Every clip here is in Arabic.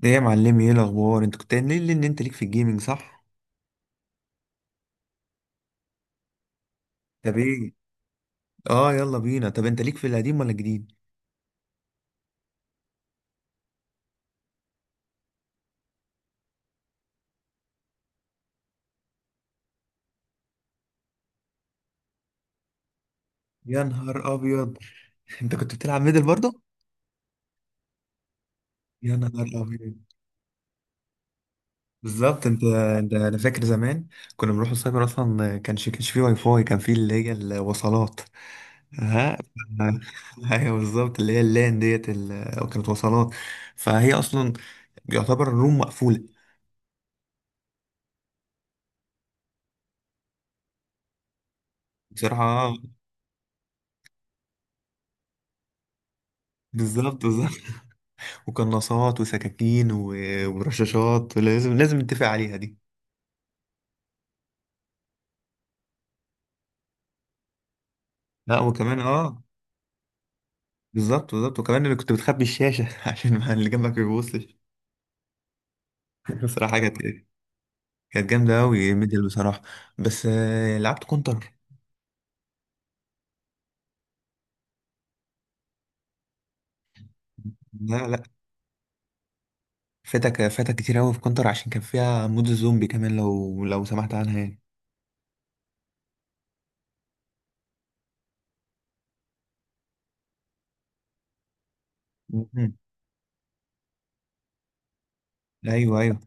ده يا معلمي، ايه الاخبار؟ انت كنت قايل لي ان انت ليك في الجيمنج، صح؟ طب ايه؟ اه، يلا بينا. طب انت ليك في القديم ولا الجديد؟ يا نهار ابيض! انت كنت بتلعب ميدل برضه؟ يا نهار ابيض! بالظبط. انت. انا فاكر زمان كنا بنروح السايبر، اصلا كانش فيه واي فاي، كان فيه اللي هي الوصلات. ها. ايوه بالظبط، اللي هي اللان ديت، كانت وصلات. فهي اصلا يعتبر الروم مقفوله. بصراحه. بالظبط. وقناصات وسكاكين ورشاشات، لازم نتفق عليها دي. لا وكمان اه. بالظبط. وكمان اللي كنت بتخبي الشاشة عشان ما اللي جنبك ما يبصش. بصراحة، كانت جامدة أوي ميدل، بصراحة. بس لعبت كونتر. لا لا، فاتك كتير أوي في كونتر عشان كان فيها مود الزومبي كمان. لو سمحت عنها يعني. مم. أيوه أيوه.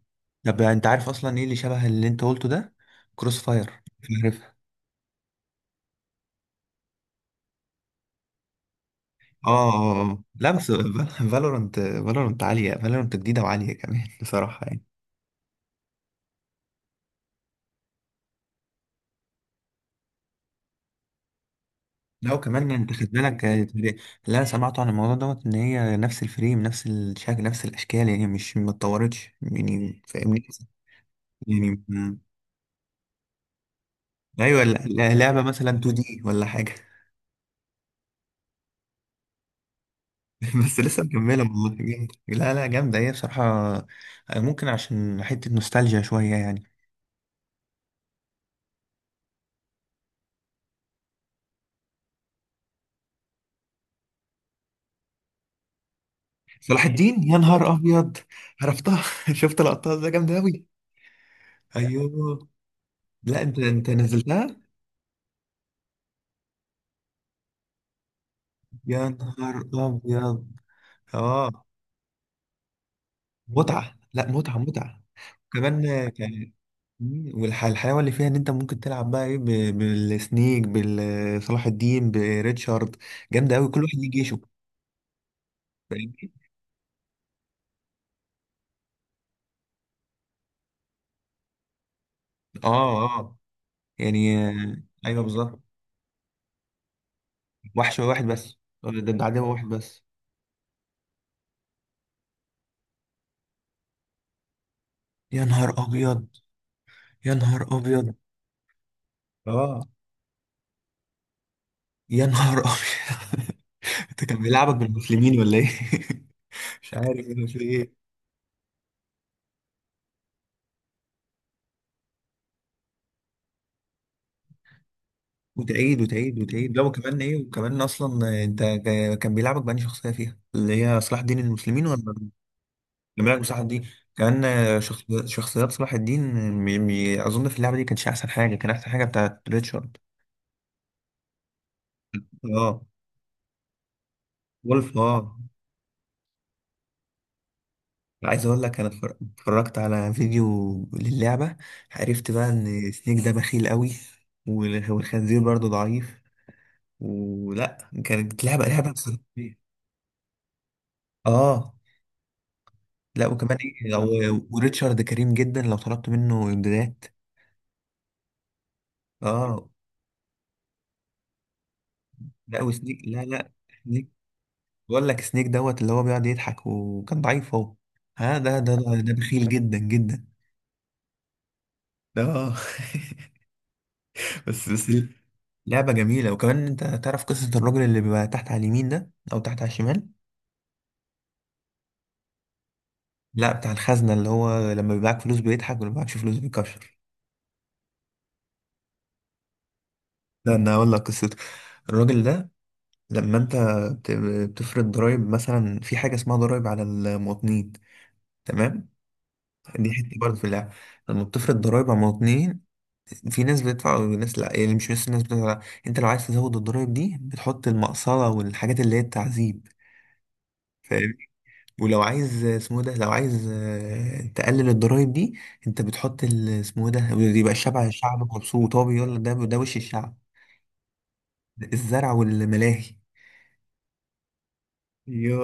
طب أنت عارف أصلا إيه اللي شبه اللي أنت قلته ده؟ كروس فاير. اه اه آه. لا، بس فالورنت عالية. فالورنت جديدة وعالية كمان. بصراحة يعني. لا وكمان يعني انت خد بالك اللي انا سمعته عن الموضوع دوت، ان هي نفس الفريم، نفس الشكل، نفس الاشكال، يعني مش ما اتطورتش يعني، فاهمني؟ يعني ايوه، لعبة مثلا 2 دي ولا حاجة. بس لسه مكملة والله، جامدة. لا لا، جامدة هي بصراحة. ممكن عشان حتة نوستالجيا شوية يعني. صلاح الدين! يا نهار ابيض! عرفتها. شفت لقطات، ده جامدة اوي. ايوه. لا انت نزلتها؟ يا نهار ابيض! اه. متعه. لا، متعه متعه. كمان كان. والحلاوه اللي فيها ان انت ممكن تلعب بقى ايه بالسنيك، بصلاح الدين، بريتشارد. جامده قوي. كل واحد ليه جيشه. فاهم؟ اه اه. يعني ايوه بالظبط. وحش واحد بس، ولا ده عدو واحد بس؟ يا نهار ابيض! يا نهار ابيض! اه. يا نهار ابيض! انت كان بيلعبك بالمسلمين ولا ايه؟ مش عارف انا في ايه. وتعيد وتعيد وتعيد لو كمان ايه. وكمان اصلا انت كان بيلعبك بأنهي شخصيه فيها، اللي هي صلاح الدين، المسلمين ولا؟ كان بيلعبك بصلاح الدين. كان شخصيات صلاح الدين، اظن في اللعبه دي كانش احسن حاجه. كان احسن حاجه بتاعت ريتشارد. اه. وولف اه. عايز اقول لك، انا اتفرجت على فيديو للعبه. عرفت بقى ان سنيك ده بخيل قوي. والخنزير برضه ضعيف. ولا كانت لعبه اه، لا وكمان ايه لو. وريتشارد كريم جدا لو طلبت منه امدادات. اه. لا، وسنيك لا لا. سنيك، بقول لك سنيك دوت اللي هو بيقعد يضحك وكان ضعيف هو. ها، ده بخيل جدا جدا. اه. بس لعبة جميلة. وكمان انت تعرف قصة الراجل اللي بيبقى تحت على اليمين ده او تحت على الشمال؟ لا، بتاع الخزنة اللي هو لما بيبعك فلوس بيضحك ولما بيبعكش فلوس بيكشر. لا انا اقول لك قصته. الراجل ده لما انت بت- بتفرض ضرائب، مثلا في حاجه اسمها ضرائب على المواطنين، تمام؟ دي حته برضه في اللعبه. لما بتفرض ضرائب على المواطنين، في ناس بتدفع وناس لا، يعني مش بس الناس بتدفع لا. انت لو عايز تزود الضرائب دي بتحط المقصله والحاجات اللي هي التعذيب، فاهم؟ ولو عايز اسمه ده، لو عايز تقلل الضرائب دي، انت بتحط اسمه ده، بيبقى الشعب مبسوط. هو بيقول لك ده وش الشعب. الزرع والملاهي. يو،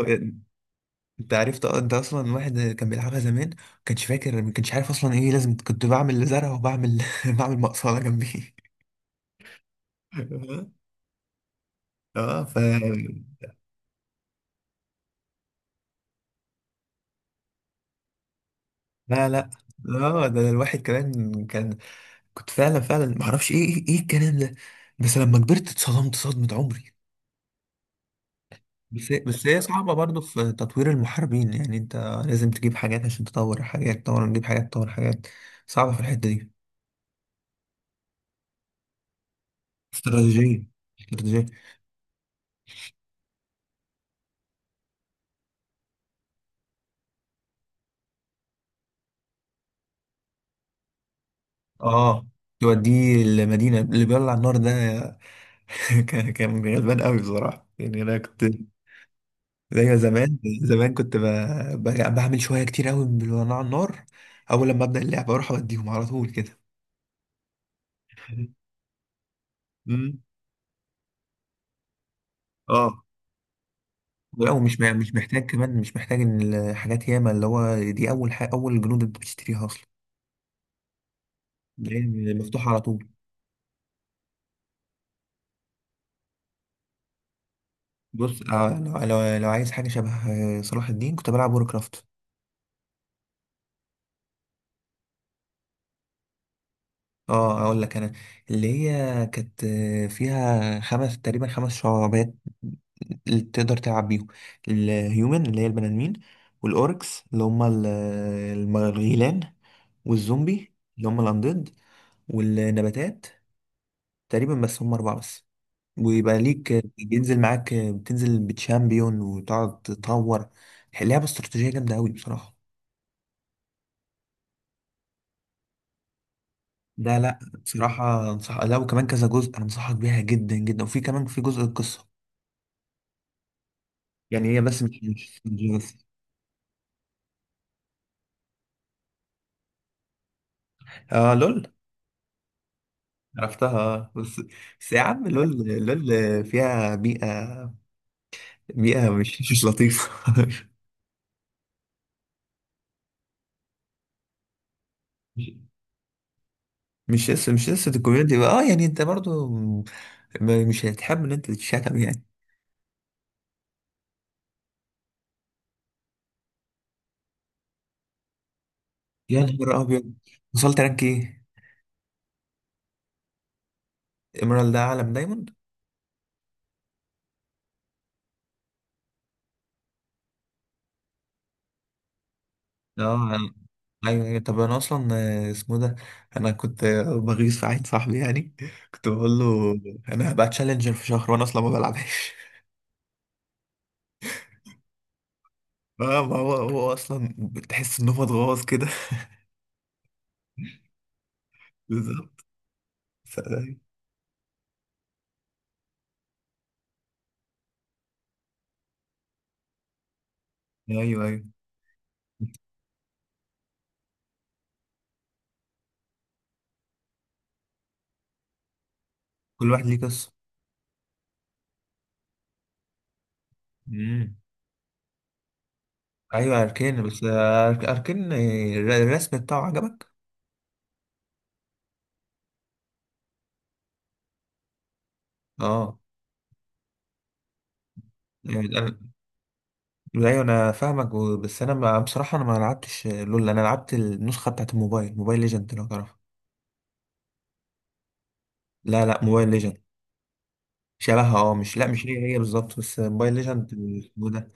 انت عرفت. اه. انت اصلا واحد كان بيلعبها زمان، ما كانش فاكر، ما كانش عارف اصلا ايه لازم. كنت بعمل زرع وبعمل بعمل مقصله جنبي. اه لا لا. اه، ده الواحد كمان كان، كنت فعلا فعلا ما اعرفش ايه، ايه الكلام ده؟ بس لما كبرت اتصدمت صدمة عمري. بس هي صعبة برضو في تطوير المحاربين. يعني انت لازم تجيب حاجات عشان تطور حاجات، تطور، تجيب حاجات، تطور حاجات. صعبة في الحتة دي. استراتيجية، استراتيجية. اه يوديه المدينة اللي بيولع النار ده. كان غلبان قوي بصراحة. يعني انا كنت زي زمان. زمان كنت يعني بعمل شوية كتير قوي بالولع النار. اول لما ابدأ اللعبة اروح اوديهم على طول كده. امم اه، لا ومش مش محتاج. كمان مش محتاج ان الحاجات ياما اللي هو دي اول حاجة، اول جنود انت بتشتريها اصلا، اللي هي مفتوحة على طول. بص لو لو عايز حاجة شبه صلاح الدين، كنت بلعب وور. اه اقول لك انا، اللي هي كانت فيها تقريبا خمس شعبات اللي تقدر تلعب بيهم. الهيومن اللي هي البني ادمين، والاوركس اللي هم الغيلان، والزومبي اللي هم الاندد، والنباتات تقريبا. بس هم اربعه بس. ويبقى ليك بينزل معاك، بتنزل بتشامبيون وتقعد تطور. لعبه استراتيجيه جامده قوي بصراحه. ده لا، بصراحه انصح. لا وكمان كذا جزء، انا انصحك بيها جدا جدا. وفي كمان في جزء القصه يعني. هي بس مش بس. اه لول. عرفتها. بس بس يا عم لول. لول فيها بيئة، بيئة مش لطيفة. مش مش لسه الكوميونتي بقى اه. يعني انت برضو مش هتحب ان انت تتشتم يعني. يا نهار ابيض! وصلت رانك ايه؟ ايميرالد ده عالم دايموند؟ اه ايوه أيوة. طب انا اصلا اسمه ده، انا كنت بغيظ في عين صاحبي يعني. كنت بقول له انا هبقى تشالنجر في شهر وانا اصلا ما بلعبهاش. اه، ما هو اصلا بتحس ان هو اتغوص كده. بالظبط. ف- ايوه ايوه. كل واحد ليه قصه. امم ايوه اركان. بس اركان الرسم بتاعه عجبك؟ اه. يعني ايوه انا فاهمك بس انا، ما بصراحه انا ما لعبتش لول. انا لعبت النسخه بتاعت الموبايل، موبايل ليجند، لو تعرفها. لا لا، موبايل ليجند. شبهها اه. مش لا مش هي بالظبط. بس موبايل ليجند اسمه ده.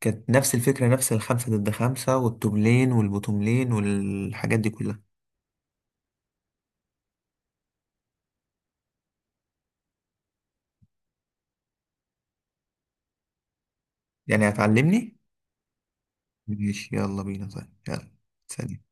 كانت نفس الفكره، نفس الخمسه ضد خمسه، والتوب لين، والبوتوم لين والحاجات دي كلها. يعني هتعلمني؟ ماشي يلا بينا. طيب يلا. سلام.